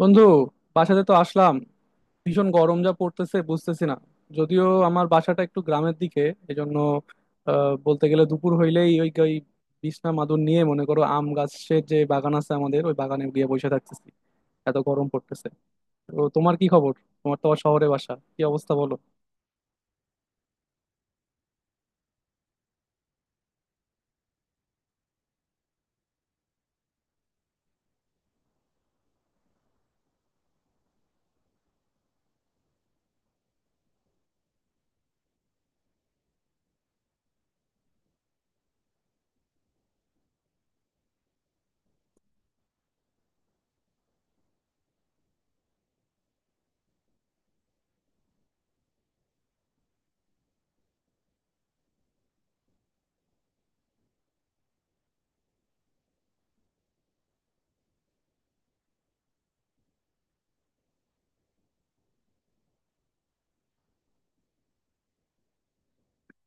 বন্ধু, বাসাতে তো আসলাম। ভীষণ গরম যা পড়তেছে বুঝতেছি না। যদিও আমার বাসাটা একটু গ্রামের দিকে, এজন্য বলতে গেলে দুপুর হইলেই ওই ওই বিছনা মাদুর নিয়ে মনে করো আম গাছের যে বাগান আছে আমাদের, ওই বাগানে গিয়ে বসে থাকতেছি, এত গরম পড়তেছে। তো তোমার কি খবর? তোমার তো আবার শহরে বাসা, কি অবস্থা বলো।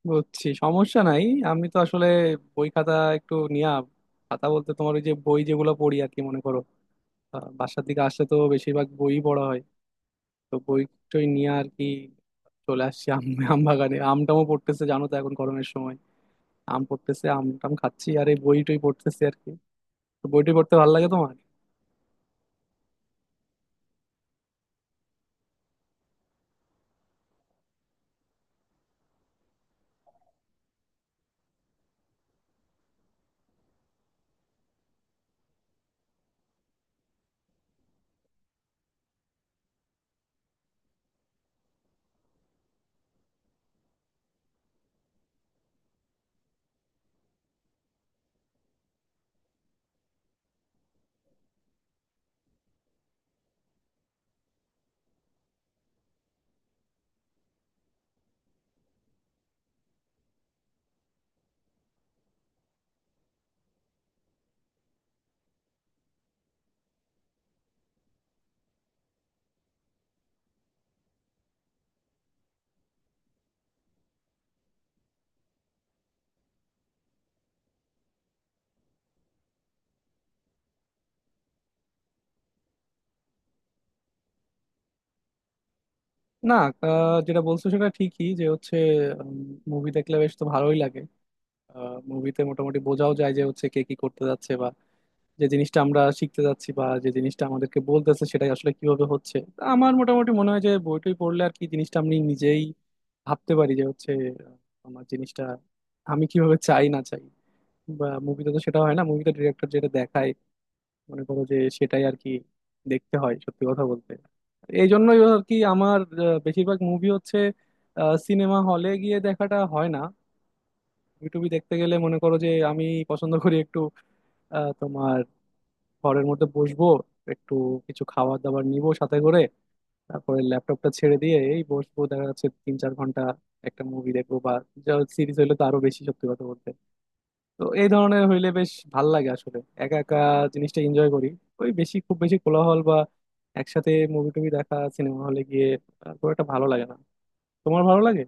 বুঝছি, সমস্যা নাই। আমি তো আসলে বই খাতা একটু নিয়া, খাতা বলতে তোমার ওই যে বই যেগুলো পড়ি আর কি, মনে করো বাসার দিকে আসলে তো বেশিরভাগ বই পড়া হয়, তো বই টই নিয়ে আর কি চলে আসছি। আম আম বাগানে আম টামও পড়তেছে, জানো তো এখন গরমের সময় আম পড়তেছে। আম টাম খাচ্ছি আর এই বই টই পড়তেছি আর কি। তো বই টই পড়তে ভালো লাগে তোমার? না, যেটা বলছো সেটা ঠিকই যে হচ্ছে মুভি দেখলে বেশ তো ভালোই লাগে। মুভিতে মোটামুটি বোঝাও যায় যে হচ্ছে কে কি করতে যাচ্ছে, বা যে জিনিসটা আমরা শিখতে যাচ্ছি বা যে জিনিসটা আমাদেরকে বলতেছে সেটাই আসলে কিভাবে হচ্ছে। তা আমার মোটামুটি মনে হয় যে বই টই পড়লে আর কি জিনিসটা আমি নিজেই ভাবতে পারি যে হচ্ছে আমার জিনিসটা আমি কিভাবে চাই না চাই। বা মুভিতে তো সেটা হয় না, মুভিতে ডিরেক্টর যেটা দেখায় মনে করো যে সেটাই আর কি দেখতে হয়, সত্যি কথা বলতে। এই জন্যই আর কি আমার বেশিরভাগ মুভি হচ্ছে সিনেমা হলে গিয়ে দেখাটা হয় না। ইউটিউবে দেখতে গেলে মনে করো যে আমি পছন্দ করি একটু তোমার ঘরের মধ্যে বসবো, একটু কিছু খাবার দাবার নিব সাথে করে, তারপরে ল্যাপটপটা ছেড়ে দিয়ে এই বসবো, দেখা যাচ্ছে তিন চার ঘন্টা একটা মুভি দেখবো, বা সিরিজ হলে তো আরো বেশি সত্যি কথা বলতে। তো এই ধরনের হইলে বেশ ভাল লাগে, আসলে একা একা জিনিসটা এনজয় করি। ওই বেশি খুব বেশি কোলাহল বা একসাথে মুভি টুভি দেখা সিনেমা হলে গিয়ে খুব একটা ভালো লাগে না। তোমার ভালো লাগে?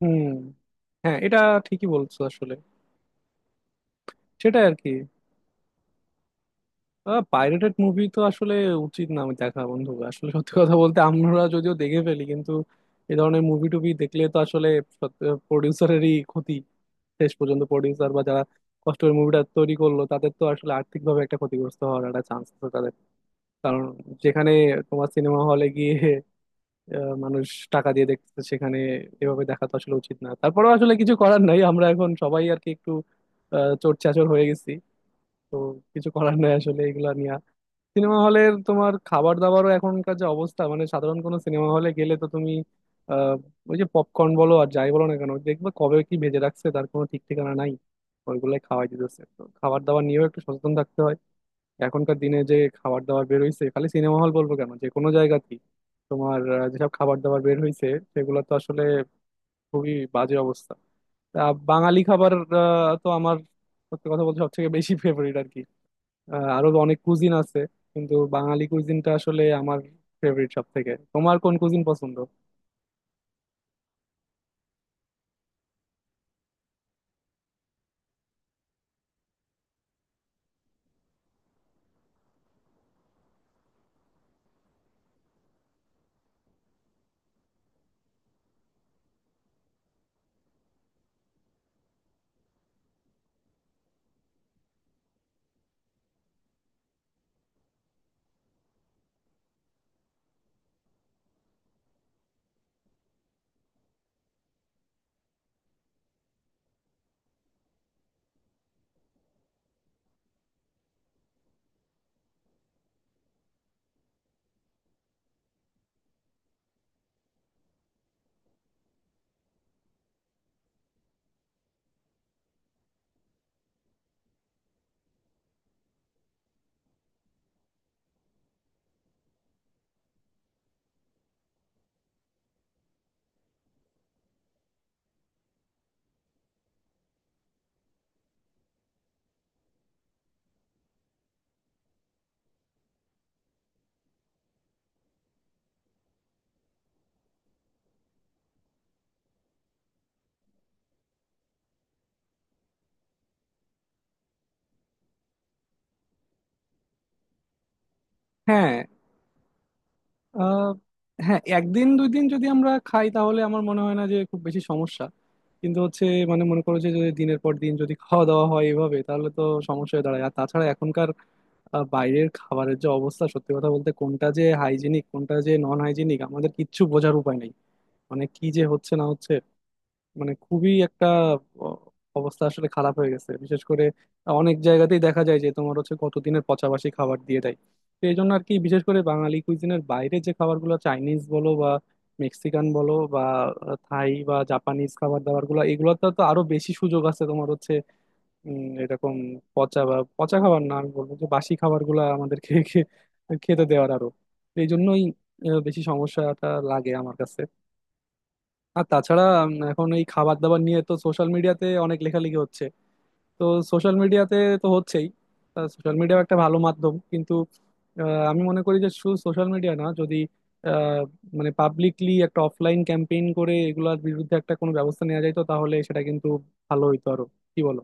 হুম, হ্যাঁ এটা ঠিকই বলছো আসলে। সেটাই আর কি। পাইরেটেড মুভি তো আসলে উচিত না, আমি দেখা বন্ধু আসলে সত্যি কথা বলতে আমরা যদিও দেখে ফেলি, কিন্তু এই ধরনের মুভি টুভি দেখলে তো আসলে প্রডিউসারেরই ক্ষতি। শেষ পর্যন্ত প্রডিউসার বা যারা কষ্ট করে মুভিটা তৈরি করলো তাদের তো আসলে আর্থিকভাবে একটা ক্ষতিগ্রস্ত হওয়ার একটা চান্স আছে তাদের। কারণ যেখানে তোমার সিনেমা হলে গিয়ে মানুষ টাকা দিয়ে দেখতেছে, সেখানে এভাবে দেখা তো আসলে উচিত না। তারপরেও আসলে কিছু করার নাই, আমরা এখন সবাই আর কি একটু চোট চাচর হয়ে গেছি। তো কিছু করার নেই আসলে এগুলা নিয়ে। সিনেমা হলের তোমার খাবার দাবারও এখনকার যে অবস্থা, মানে সাধারণ কোনো সিনেমা হলে গেলে তো তুমি আহ, ওই যে পপকর্ন বলো আর যাই বলো না কেন, দেখবে কবে কি ভেজে রাখছে তার কোনো ঠিক ঠিকানা নাই। ওইগুলাই খাওয়াই দিতেছে। তো খাবার দাবার নিয়েও একটু সচেতন থাকতে হয়। এখনকার দিনে যে খাবার দাবার বের হইছে, খালি সিনেমা হল বলবো কেন, যে কোনো জায়গাতেই তোমার যেসব খাবার দাবার বের হইছে, সেগুলো তো আসলে খুবই বাজে অবস্থা। তা বাঙালি খাবার তো আমার সত্যি কথা বলতে সব থেকে বেশি ফেভারিট আর কি। আরো অনেক কুজিন আছে, কিন্তু বাঙালি কুজিনটা আসলে আমার ফেভারিট সব থেকে। তোমার কোন কুজিন পছন্দ? হ্যাঁ, আহ, হ্যাঁ একদিন দুই দিন যদি আমরা খাই তাহলে আমার মনে হয় না যে খুব বেশি সমস্যা। কিন্তু হচ্ছে মানে মনে করো যে যদি দিনের পর দিন যদি খাওয়া দাওয়া হয় এভাবে তাহলে তো সমস্যা হয়ে দাঁড়ায়। আর তাছাড়া এখনকার বাইরের খাবারের যে অবস্থা সত্যি কথা বলতে কোনটা যে হাইজিনিক কোনটা যে নন হাইজিনিক আমাদের কিচ্ছু বোঝার উপায় নেই। মানে কি যে হচ্ছে না হচ্ছে, মানে খুবই একটা অ- অবস্থা আসলে খারাপ হয়ে গেছে। বিশেষ করে অনেক জায়গাতেই দেখা যায় যে তোমার হচ্ছে কতদিনের পচাবাসি খাবার দিয়ে দেয়। তো এই জন্য আর কি বিশেষ করে বাঙালি কুইজিনের বাইরে যে খাবারগুলো, চাইনিজ বলো বা মেক্সিকান বলো বা থাই বা জাপানিজ খাবার দাবার গুলো, এগুলোতে তো আরো বেশি সুযোগ আছে তোমার হচ্ছে এরকম পচা বা পচা খাবার না, আমি বলবো যে বাসি খাবার গুলা আমাদেরকে খেতে দেওয়ার আরো। তো এই জন্যই বেশি সমস্যাটা লাগে আমার কাছে। আর তাছাড়া এখন এই খাবার দাবার নিয়ে তো সোশ্যাল মিডিয়াতে অনেক লেখালেখি হচ্ছে। তো সোশ্যাল মিডিয়াতে তো হচ্ছেই। সোশ্যাল মিডিয়াও একটা ভালো মাধ্যম, কিন্তু আহ, আমি মনে করি যে শুধু সোশ্যাল মিডিয়া না, যদি আহ, মানে পাবলিকলি একটা অফলাইন ক্যাম্পেইন করে এগুলোর বিরুদ্ধে একটা কোনো ব্যবস্থা নেওয়া যায় তো তাহলে সেটা কিন্তু ভালো হইতো আরো। কি বলো?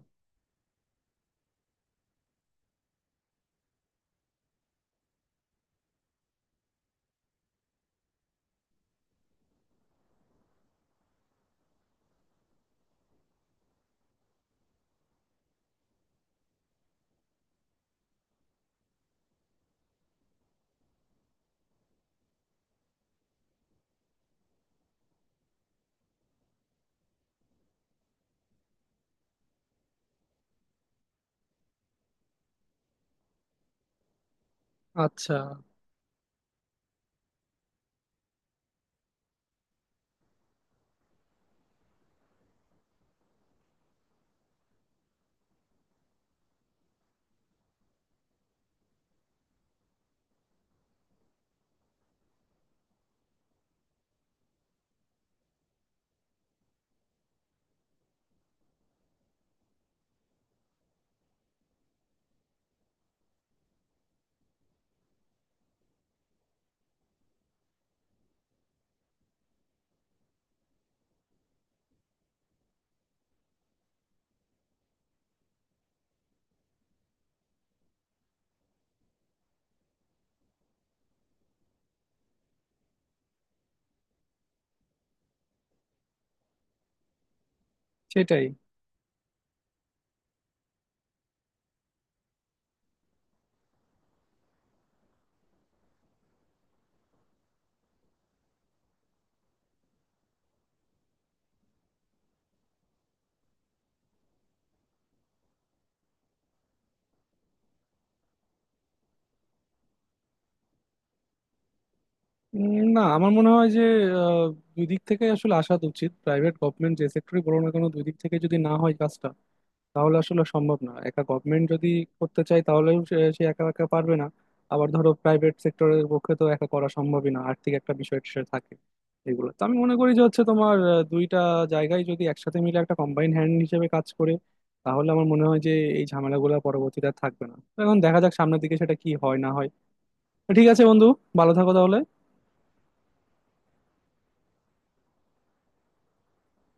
আচ্ছা। সেটাই। না আমার মনে হয় যে আহ, দুই দিক থেকে আসলে আসা উচিত, প্রাইভেট গভর্নমেন্ট যে সেক্টরই বলো না কেন দুই দিক থেকে যদি না হয় কাজটা তাহলে আসলে সম্ভব না। একা গভর্নমেন্ট যদি করতে চায় তাহলেও সে সে একা একা পারবে না। আবার ধরো প্রাইভেট সেক্টরের পক্ষে তো একা করা সম্ভবই না, আর্থিক একটা বিষয় সে থাকে। এগুলো তো আমি মনে করি যে হচ্ছে তোমার দুইটা জায়গায় যদি একসাথে মিলে একটা কম্বাইন হ্যান্ড হিসেবে কাজ করে, তাহলে আমার মনে হয় যে এই ঝামেলাগুলো পরবর্তীতে আর থাকবে না। তো এখন দেখা যাক সামনের দিকে সেটা কি হয় না হয়। তো ঠিক আছে বন্ধু, ভালো থাকো তাহলে।